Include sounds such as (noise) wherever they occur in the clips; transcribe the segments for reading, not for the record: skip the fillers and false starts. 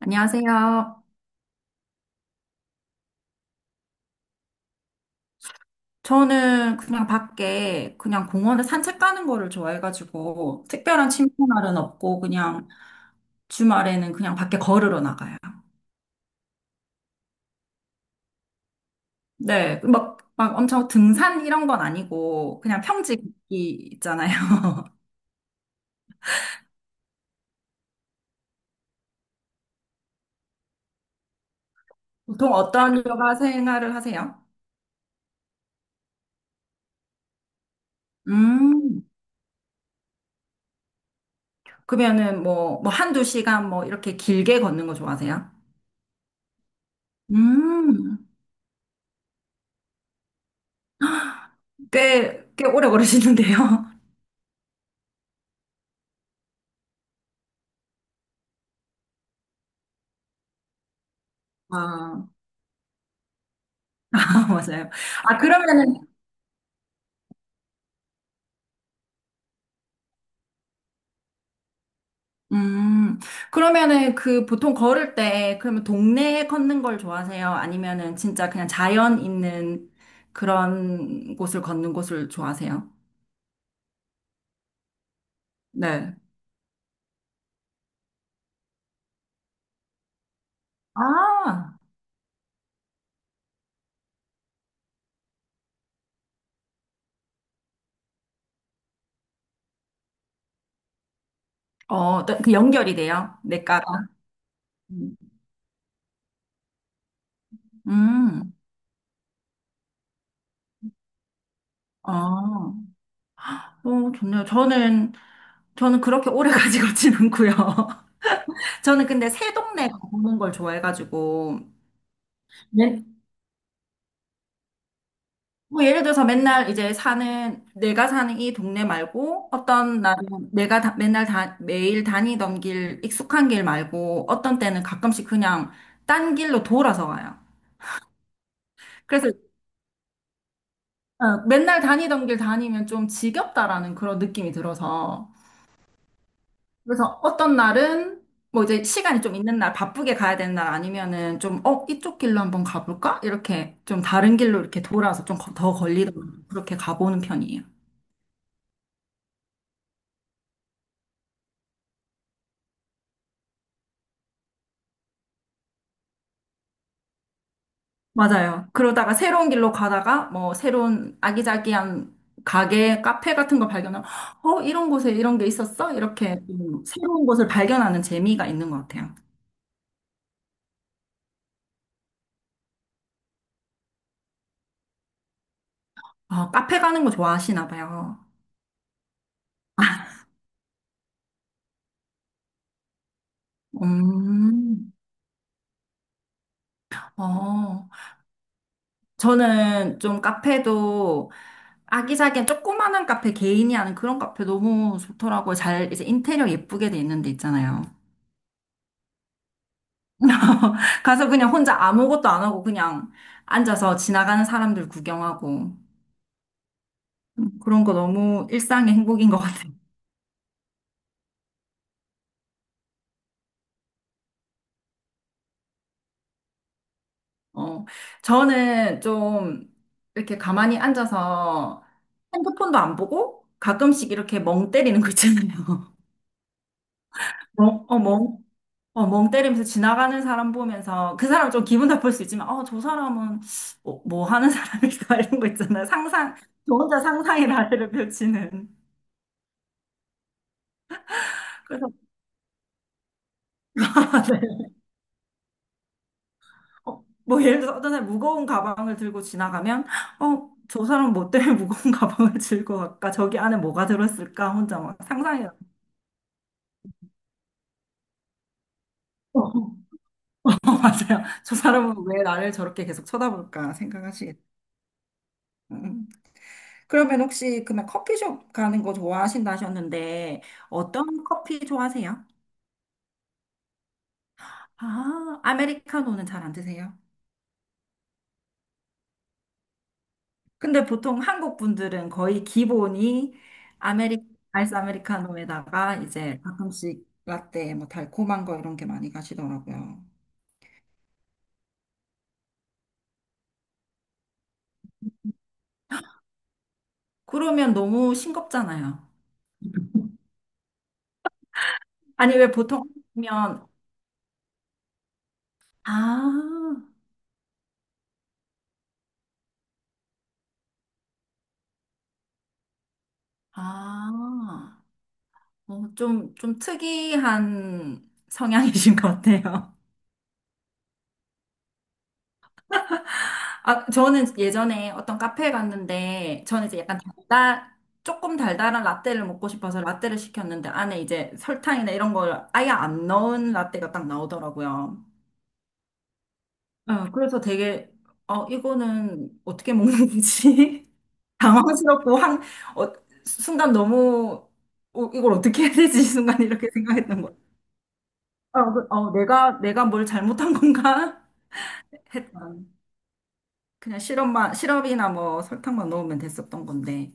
안녕하세요. 저는 그냥 밖에 그냥 공원에 산책 가는 거를 좋아해가지고 특별한 취미 날은 없고 그냥 주말에는 그냥 밖에 걸으러 나가요. 네, 막, 막 엄청 등산 이런 건 아니고 그냥 평지 걷기 있잖아요. (laughs) 보통 어떤 여가 생활을 하세요? 음. 그러면은 뭐, 뭐 한두 시간 뭐 이렇게 길게 걷는 거 좋아하세요? 음. 꽤, 꽤 오래 걸으시는데요. (laughs) 아, (laughs) 맞아요. 아, 음, 그러면은 그 보통 걸을 때, 그러면 동네에 걷는 걸 좋아하세요? 아니면은 진짜 그냥 자연 있는 그런 곳을 걷는 곳을 좋아하세요? 네. 아, 어, 또그 연결이 돼요? 내과가. 음. 음. 어, 어, 좋네요. 저는 그렇게 오래 (laughs) 가지고 지는고요 (laughs) 저는 근데 새 동네 걷는 걸 좋아해가지고, 뭐 예를 들어서 맨날 이제 사는 내가 사는 이 동네 말고 어떤 날은 내가 다- 맨날 다, 매일 다니던 길 익숙한 길 말고 어떤 때는 가끔씩 그냥 딴 길로 돌아서 가요. 그래서 맨날 다니던 길 다니면 좀 지겹다라는 그런 느낌이 들어서 그래서 어떤 날은 뭐 이제 시간이 좀 있는 날 바쁘게 가야 되는 날 아니면은 좀 이쪽 길로 한번 가볼까 이렇게 좀 다른 길로 이렇게 돌아서 좀 더 걸리도록 그렇게 가보는 편이에요. 맞아요. 그러다가 새로운 길로 가다가 뭐 새로운 아기자기한 가게, 카페 같은 거 발견하면 어, 이런 곳에 이런 게 있었어? 이렇게 좀 새로운 곳을 발견하는 재미가 있는 것 같아요. 아, 카페 가는 거 좋아하시나 봐요. 음. 어. 저는 좀 카페도 아기자기한 조그마한 카페 개인이 하는 그런 카페 너무 좋더라고요. 잘 이제 인테리어 예쁘게 돼 있는 데 있잖아요. (laughs) 가서 그냥 혼자 아무것도 안 하고 그냥 앉아서 지나가는 사람들 구경하고 그런 거 너무 일상의 행복인 것 같아요. 어, 저는 좀 이렇게 가만히 앉아서 핸드폰도 안 보고 가끔씩 이렇게 멍 때리는 거 있잖아요. (laughs) 멍, 어, 멍, 멍 때리면서 지나가는 사람 보면서 그 사람 좀 기분 나쁠 수 있지만 저 사람은 뭐 하는 사람일까 (laughs) 이런 거 있잖아요. 저 혼자 상상의 나래를 펼치는. 그래서 (laughs) 뭐 예를 들어서 어떤 사람이 무거운 가방을 들고 지나가면 저 사람 뭐 때문에 (laughs) 무거운 가방을 들고 갈까? 저기 안에 뭐가 들었을까? 혼자 막 상상해요. 어, (laughs) 맞아요. 저 사람은 왜 나를 저렇게 계속 쳐다볼까 생각하시겠죠. 음. 그러면 혹시 그러면 커피숍 가는 거 좋아하신다 하셨는데 어떤 커피 좋아하세요? 아, 아메리카노는 잘 안 드세요? 근데 보통 한국 분들은 거의 기본이 아메리, 아이스 아메리카노에다가 이제 가끔씩 라떼, 뭐 달콤한 거 이런 게 많이 가시더라고요. 그러면 너무 싱겁잖아요. 아니, 왜 보통 하면, 아, 아, 좀 특이한 성향이신 것 같아요. 아, 저는 예전에 어떤 카페에 갔는데, 저는 이제 조금 달달한 라떼를 먹고 싶어서 라떼를 시켰는데, 안에 이제 설탕이나 이런 걸 아예 안 넣은 라떼가 딱 나오더라고요. 어, 그래서 되게, 이거는 어떻게 먹는 건지 (laughs) 당황스럽고, 어, 순간 너무, 이걸 어떻게 해야 되지? (laughs) 순간 이렇게 생각했던 거. 내가 뭘 잘못한 건가? (laughs) 했던. 그냥 시럽이나 뭐 설탕만 넣으면 됐었던 건데.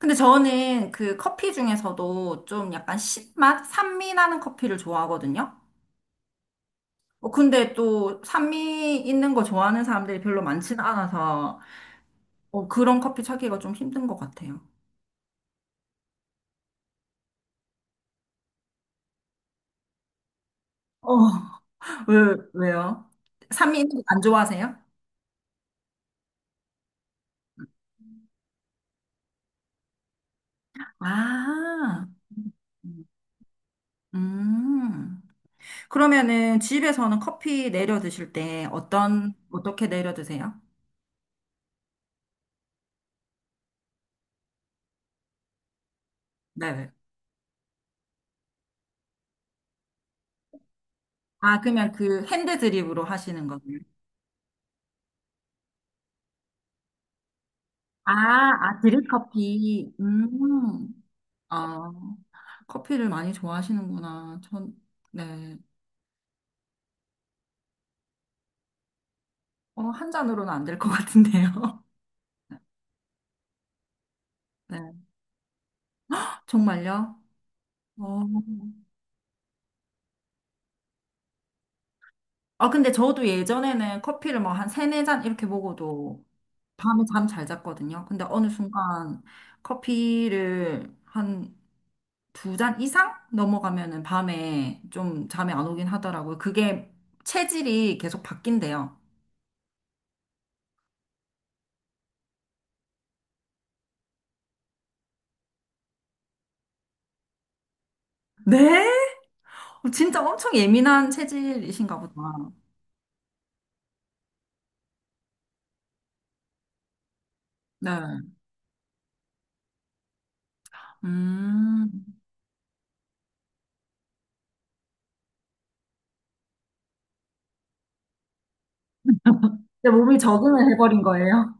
근데 저는 그 커피 중에서도 좀 약간 신맛? 산미 나는 커피를 좋아하거든요. 근데 또 산미 있는 거 좋아하는 사람들이 별로 많지는 않아서 그런 커피 찾기가 좀 힘든 것 같아요. 어, 왜요? 산미 있는 거 안 좋아하세요? 아, 음. 그러면은 집에서는 커피 내려 드실 때 어떻게 내려 드세요? 네. 아, 그러면 그 핸드 드립으로 하시는 거예요? 아, 드립커피. 음. 아, 커피를 많이 좋아하시는구나. 네. 한 잔으로는 안 될 것 같은데요. (laughs) 네. 정말요? 어. 아, 근데 저도 예전에는 커피를 뭐 한 세네 잔 이렇게 먹어도 밤에 잠 잘 잤거든요. 근데 어느 순간 커피를 한 두 잔 이상 넘어가면은 밤에 좀 잠이 안 오긴 하더라고요. 그게 체질이 계속 바뀐대요. 네? 진짜 엄청 예민한 체질이신가 보다. 네. 음. 근데 몸이 적응을 해버린 거예요.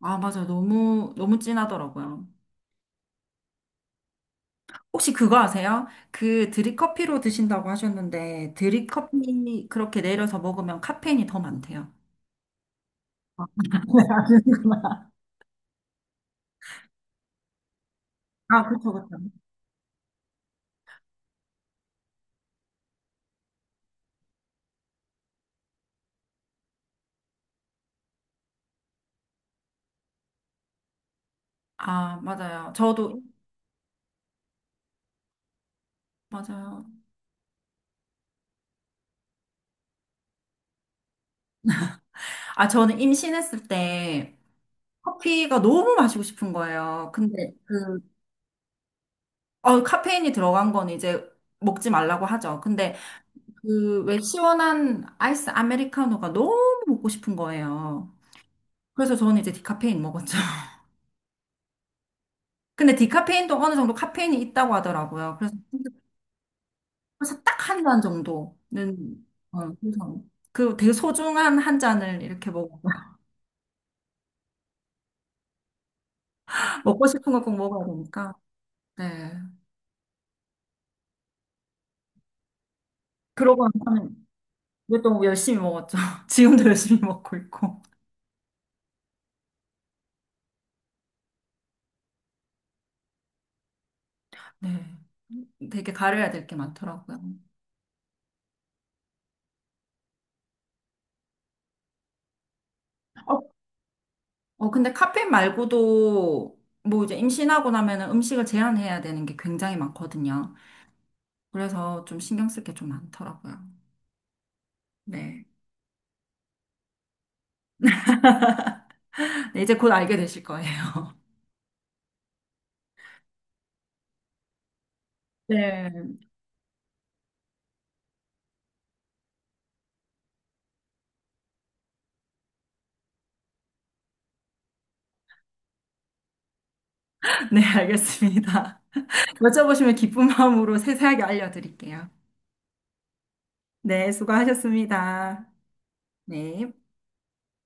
아, 맞아. 너무, 너무 진하더라고요. 혹시 그거 아세요? 그 드립커피로 드신다고 하셨는데, 드립커피 그렇게 내려서 먹으면 카페인이 더 많대요. (laughs) 아, 그쵸, 그쵸. 아, 맞아요. 저도, 맞아요. 아, 저는 임신했을 때 커피가 너무 마시고 싶은 거예요. 근데 카페인이 들어간 건 이제 먹지 말라고 하죠. 근데 왜 시원한 아이스 아메리카노가 너무 먹고 싶은 거예요. 그래서 저는 이제 디카페인 먹었죠. (laughs) 근데 디카페인도 어느 정도 카페인이 있다고 하더라고요. 그래서, 그래서 딱 한 잔 정도는, 그래서 그 되게 소중한 한 잔을 이렇게 먹어. (laughs) 먹고 싶은 거 꼭 먹어야 되니까. 네. 그러고 나서는 이제 또 열심히 먹었죠. (laughs) 지금도 열심히 먹고 있고. 네. 되게 가려야 될 게 많더라고요. 근데 카페인 말고도 뭐 이제 임신하고 나면은 음식을 제한해야 되는 게 굉장히 많거든요. 그래서 좀 신경 쓸 게 좀 많더라고요. 네. 네, 이제 곧 알게 되실 거예요. (laughs) 네. 네, 알겠습니다. 여쭤보시면 기쁜 마음으로 세세하게 알려드릴게요. 네, 수고하셨습니다. 네.